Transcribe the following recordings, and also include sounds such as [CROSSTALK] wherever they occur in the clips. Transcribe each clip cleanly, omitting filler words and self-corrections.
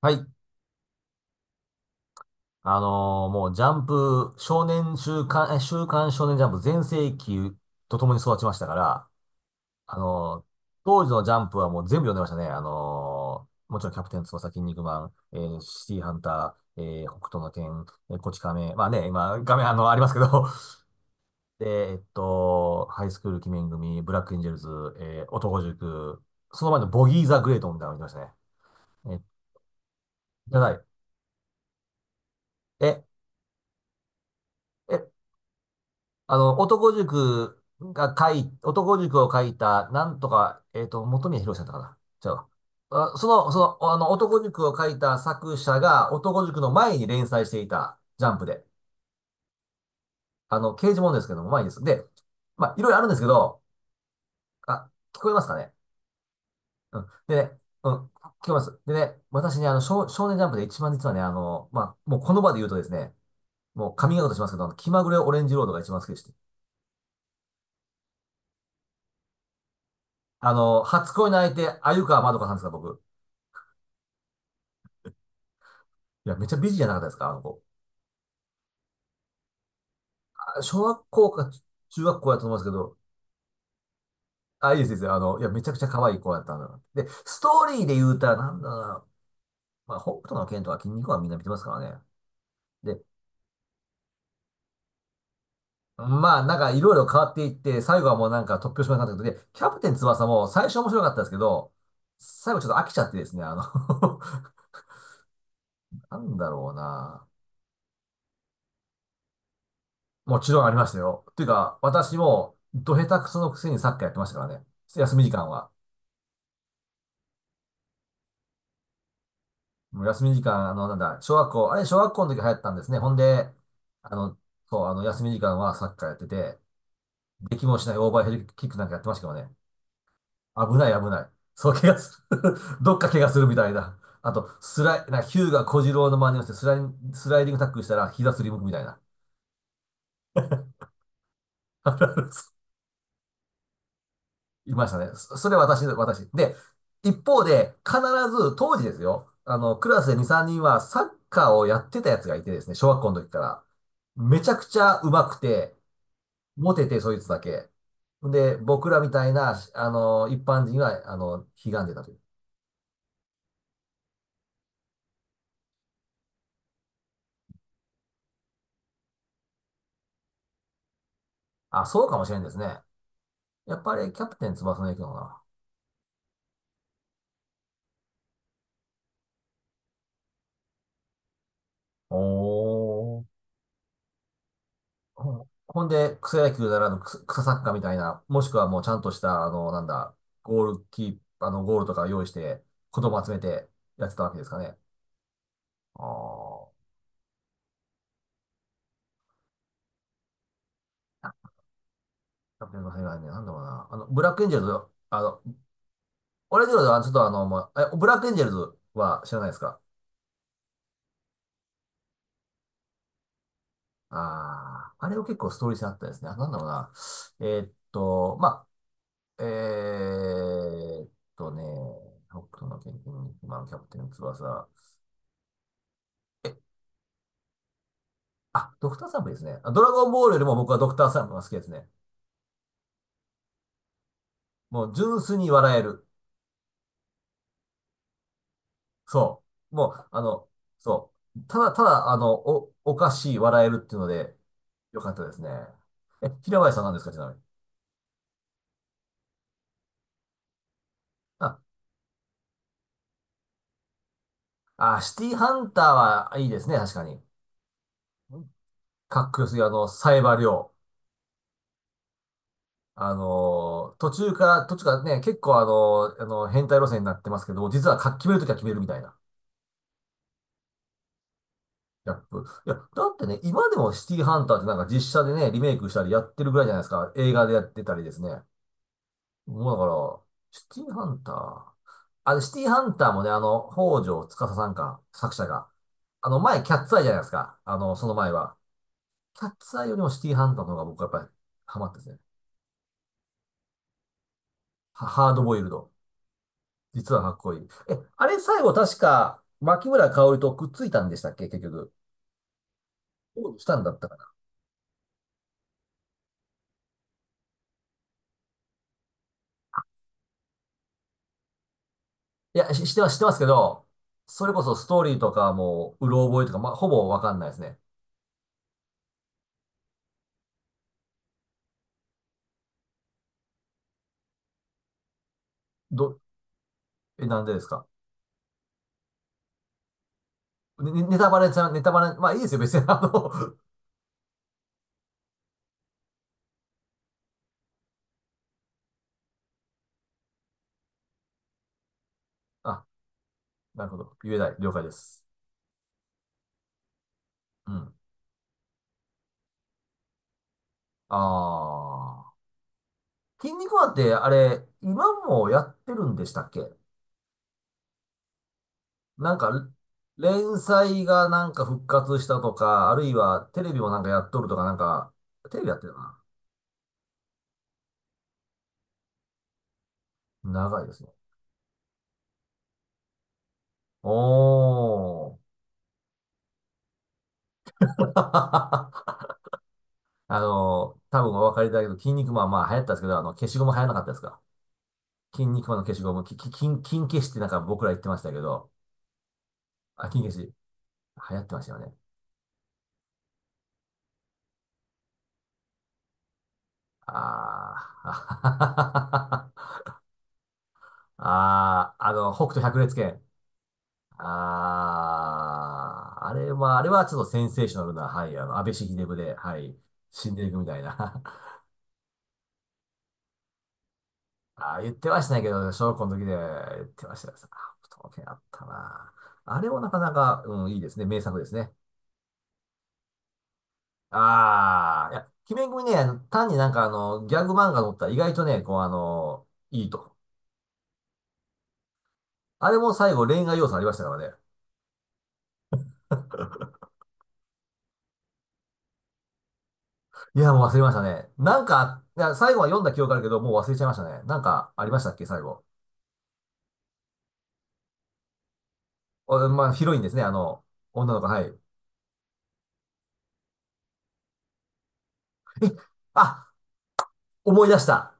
はい。もうジャンプ、少年週刊、週刊少年ジャンプ全盛期と共に育ちましたから、あのー当時のジャンプはもう全部読んでましたね。もちろんキャプテン翼、筋肉マン、シティハンター、北斗の拳、こち亀、まあね、今、画面、ありますけど、[LAUGHS] で、ハイスクール鬼面組、ブラックエンジェルズ、男塾、その前のボギー・ザ・グレートみたいなの見てましたね。え、じゃない。え、え、あの、男塾が書い、男塾を書いた、なんとか、元宮博さんだったかな。違う。あ、その、あの、男塾を書いた作者が、男塾の前に連載していた、ジャンプで。あの、刑事ものですけども、前にです。で、まあ、いろいろあるんですけど、あ、聞こえますかね。うん。でね、うん、聞こえます。でね、私ね、あの、少年ジャンプで一番実はね、あの、まあ、もうこの場で言うとですね、もうカミングアウトしますけど、あの気まぐれオレンジロードが一番好きでして、あの、初恋の相手、鮎川まどかさんですか、僕。いや、めっちゃ美人じゃなかったですかあの子。小学校か中学校やと思うんですけど、あ、いいです、いいです。あの、いや、めちゃくちゃ可愛い子やったんだな。で、ストーリーで言うたら、なんだろうな。まあ、北斗の拳とか筋肉はみんな見てますからね。で、まあ、なんかいろいろ変わっていって、最後はもうなんか突拍子もなかったけど、で、キャプテン翼も最初面白かったですけど、最後ちょっと飽きちゃってですね、あの [LAUGHS] なんだろうな。もちろんありましたよ。っていうか、私も、ど下手くそのくせにサッカーやってましたからね。休み時間は。もう休み時間、あの、なんだ、小学校、あれ、小学校の時流行ったんですね。ほんで、あの、そう、あの、休み時間はサッカーやってて、できもしないオーバーヘルキックなんかやってましたけどね。危ない、危ない。そう、怪我する。[LAUGHS] どっか怪我するみたいな。あと、スライ、な、ヒューガ小次郎の真似をして、スライディングタックルしたら、膝すりむくみたいな。[LAUGHS] いましたね。それ、私。で、一方で、必ず、当時ですよ。あの、クラスで2、3人はサッカーをやってたやつがいてですね、小学校の時から。めちゃくちゃ上手くて、モテて、そいつだけ。で、僕らみたいな、あの、一般人は、あの、ひがんでたという。あ、そうかもしれんですね。やっぱりキャプテン翼の影響かな。おー。ほんで、草野球ならぬ草サッカーみたいな、もしくはもうちゃんとした、あの、なんだ、ゴールキー、あの、ゴールとか用意して、子供集めてやってたわけですかね。あーあ。キャプテンの世界ね、なんだろうな。あの、ブラックエンジェルズ、あの、オレズはちょっとあの、まあえ、ブラックエンジェルズは知らないですか？ああ、あれは結構ストーリー性あったですね。あなんだろうな。まあ、ーっね、北斗の拳に今のキャプテン翼。え、あ、ドクターサンプですね。あドラゴンボールよりも僕はドクターサンプが好きですね。もう純粋に笑える。そう。もう、あの、そう。ただ、ただ、あの、おかしい笑えるっていうので、よかったですね。え、平林さんなんですか、ちなみに。あ、シティハンターはいいですね、確かに。かっこよすぎ、あの、サイバー量。あの、途中からね、結構あの、あの、変態路線になってますけど、実は決めるときは決めるみたいな。ギャップ。いや、だってね、今でもシティハンターってなんか実写でね、リメイクしたりやってるぐらいじゃないですか。映画でやってたりですね。もうだから、シティハンター。あれ、シティハンターもね、あの、北条司さんか、作者が。あの、前、キャッツアイじゃないですか。あの、その前は。キャッツアイよりもシティハンターの方が僕はやっぱりハマってですね。ハードボイルド。実はかっこいい。え、あれ最後確か、牧村香織とくっついたんでしたっけ結局。したんねだったかな。いや、しては知ってますけど、それこそストーリーとかもう、うろ覚えとか、まあ、ほぼわかんないですね。ど、なんでですか？ねネタバレじゃ、ネタバレ、まあいいですよ、別に。あの [LAUGHS] あ、なるほど。言えない。了解です。うん。あー。筋肉マンって、あれ、今もやってるんでしたっけ？なんか、連載がなんか復活したとか、あるいはテレビもなんかやっとるとか、なんか、テレビやってるな。長いですね。おー。[LAUGHS] あの、多分お分かりいただけど、筋肉マンまあ流行ったんですけど、あの、消しゴム流行らなかったですか？筋肉マンの消しゴム、き、き、筋、筋消しってなんか僕ら言ってましたけど、あ、筋消し、流行ってましたよね。あー。[LAUGHS] あー、あの、北斗百裂拳。ああ、あれはちょっとセンセーショナルな、はい、あの、安倍氏秀でぶで、はい、死んでいくみたいな。[LAUGHS] ああ、言ってましたねけど、小学校の時で言ってましたよ。あ不当あったな。あれもなかなか、うん、いいですね。名作ですね。ああ、いや、鬼面組ね、あの単になんかあの、ギャグ漫画のったら意外とね、こうあの、いいと。あれも最後恋愛要素ありましたからね。いや、もう忘れましたね。なんか、いや最後は読んだ記憶あるけど、もう忘れちゃいましたね。なんかありましたっけ、最後。おまあ、広いんですね、あの、女の子、はい。あ、思い出した。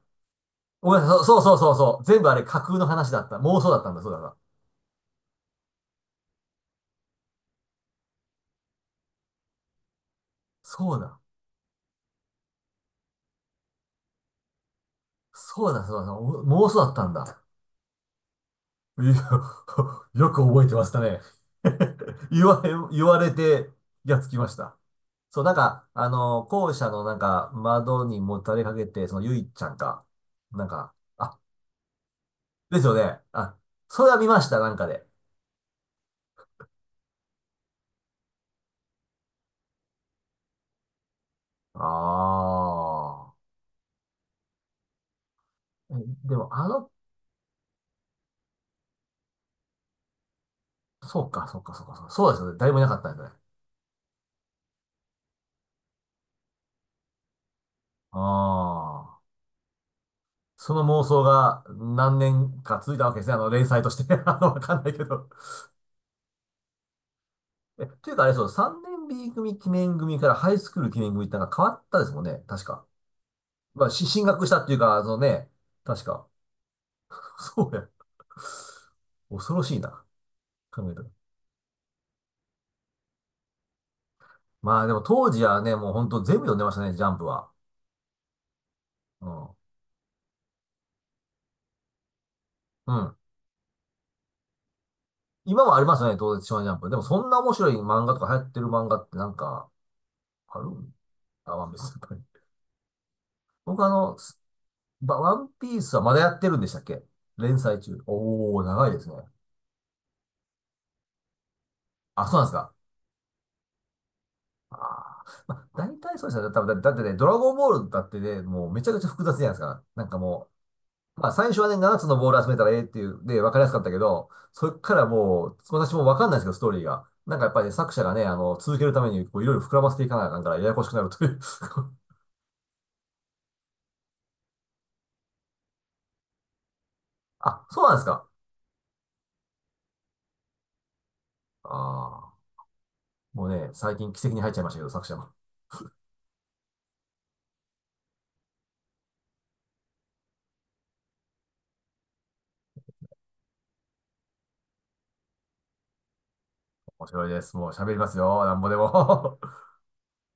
思い出した。そうそうそうそうそう。全部あれ架空の話だった。妄想だったんだ、そうだな。そうだ。そうだ、そうだ。そうだお妄想だったんだ。いや、[LAUGHS] よく覚えてましたね。[LAUGHS] 言われ、言われて、やっつきました。そう、なんか、あの、校舎のなんか、窓にもたれかけて、その、ゆいちゃんか。なんか、あ、ですよね。あ、それは見ました、なんかで。ああ。えでも、あのそうか、そうか、そうか、そうか。そうですよね。誰もいなかったんですね。ああ。その妄想が何年か続いたわけですね。あの、連載として。[LAUGHS] あの、わかんないけど。え、というかあれそう、3年 B 組記念組からハイスクール記念組ってなんか変わったですもんね。確か。まあ、進学したっていうか、そのね、確か。そうや。恐ろしいな。考えたら。まあでも当時はね、もう本当全部読んでましたね、ジャンプは。うん。うん。今もありますよね、当然、少年ジャンプ。でもそんな面白い漫画とか流行ってる漫画ってなんか、あるあ、ワンピース。はい僕あの、ワンピースはまだやってるんでしたっけ？連載中。おー、長いですね。あ、そうなんですか。あー、まあ、大体そうですよね。多分だってね、ドラゴンボールだってね、もうめちゃくちゃ複雑じゃないですか。なんかもう、まあ最初はね、7つのボール集めたらええっていう、で、わかりやすかったけど、そっからもう、私もわかんないですけど、ストーリーが。なんかやっぱりね、作者がね、あの、続けるために、こう、いろいろ膨らませていかなあかんから、ややこしくなるという [LAUGHS] あ、そうなんですか。ああ、もうね、最近奇跡に入っちゃいましたけど、作者も。面白いです。もう喋りますよ。なんぼでも。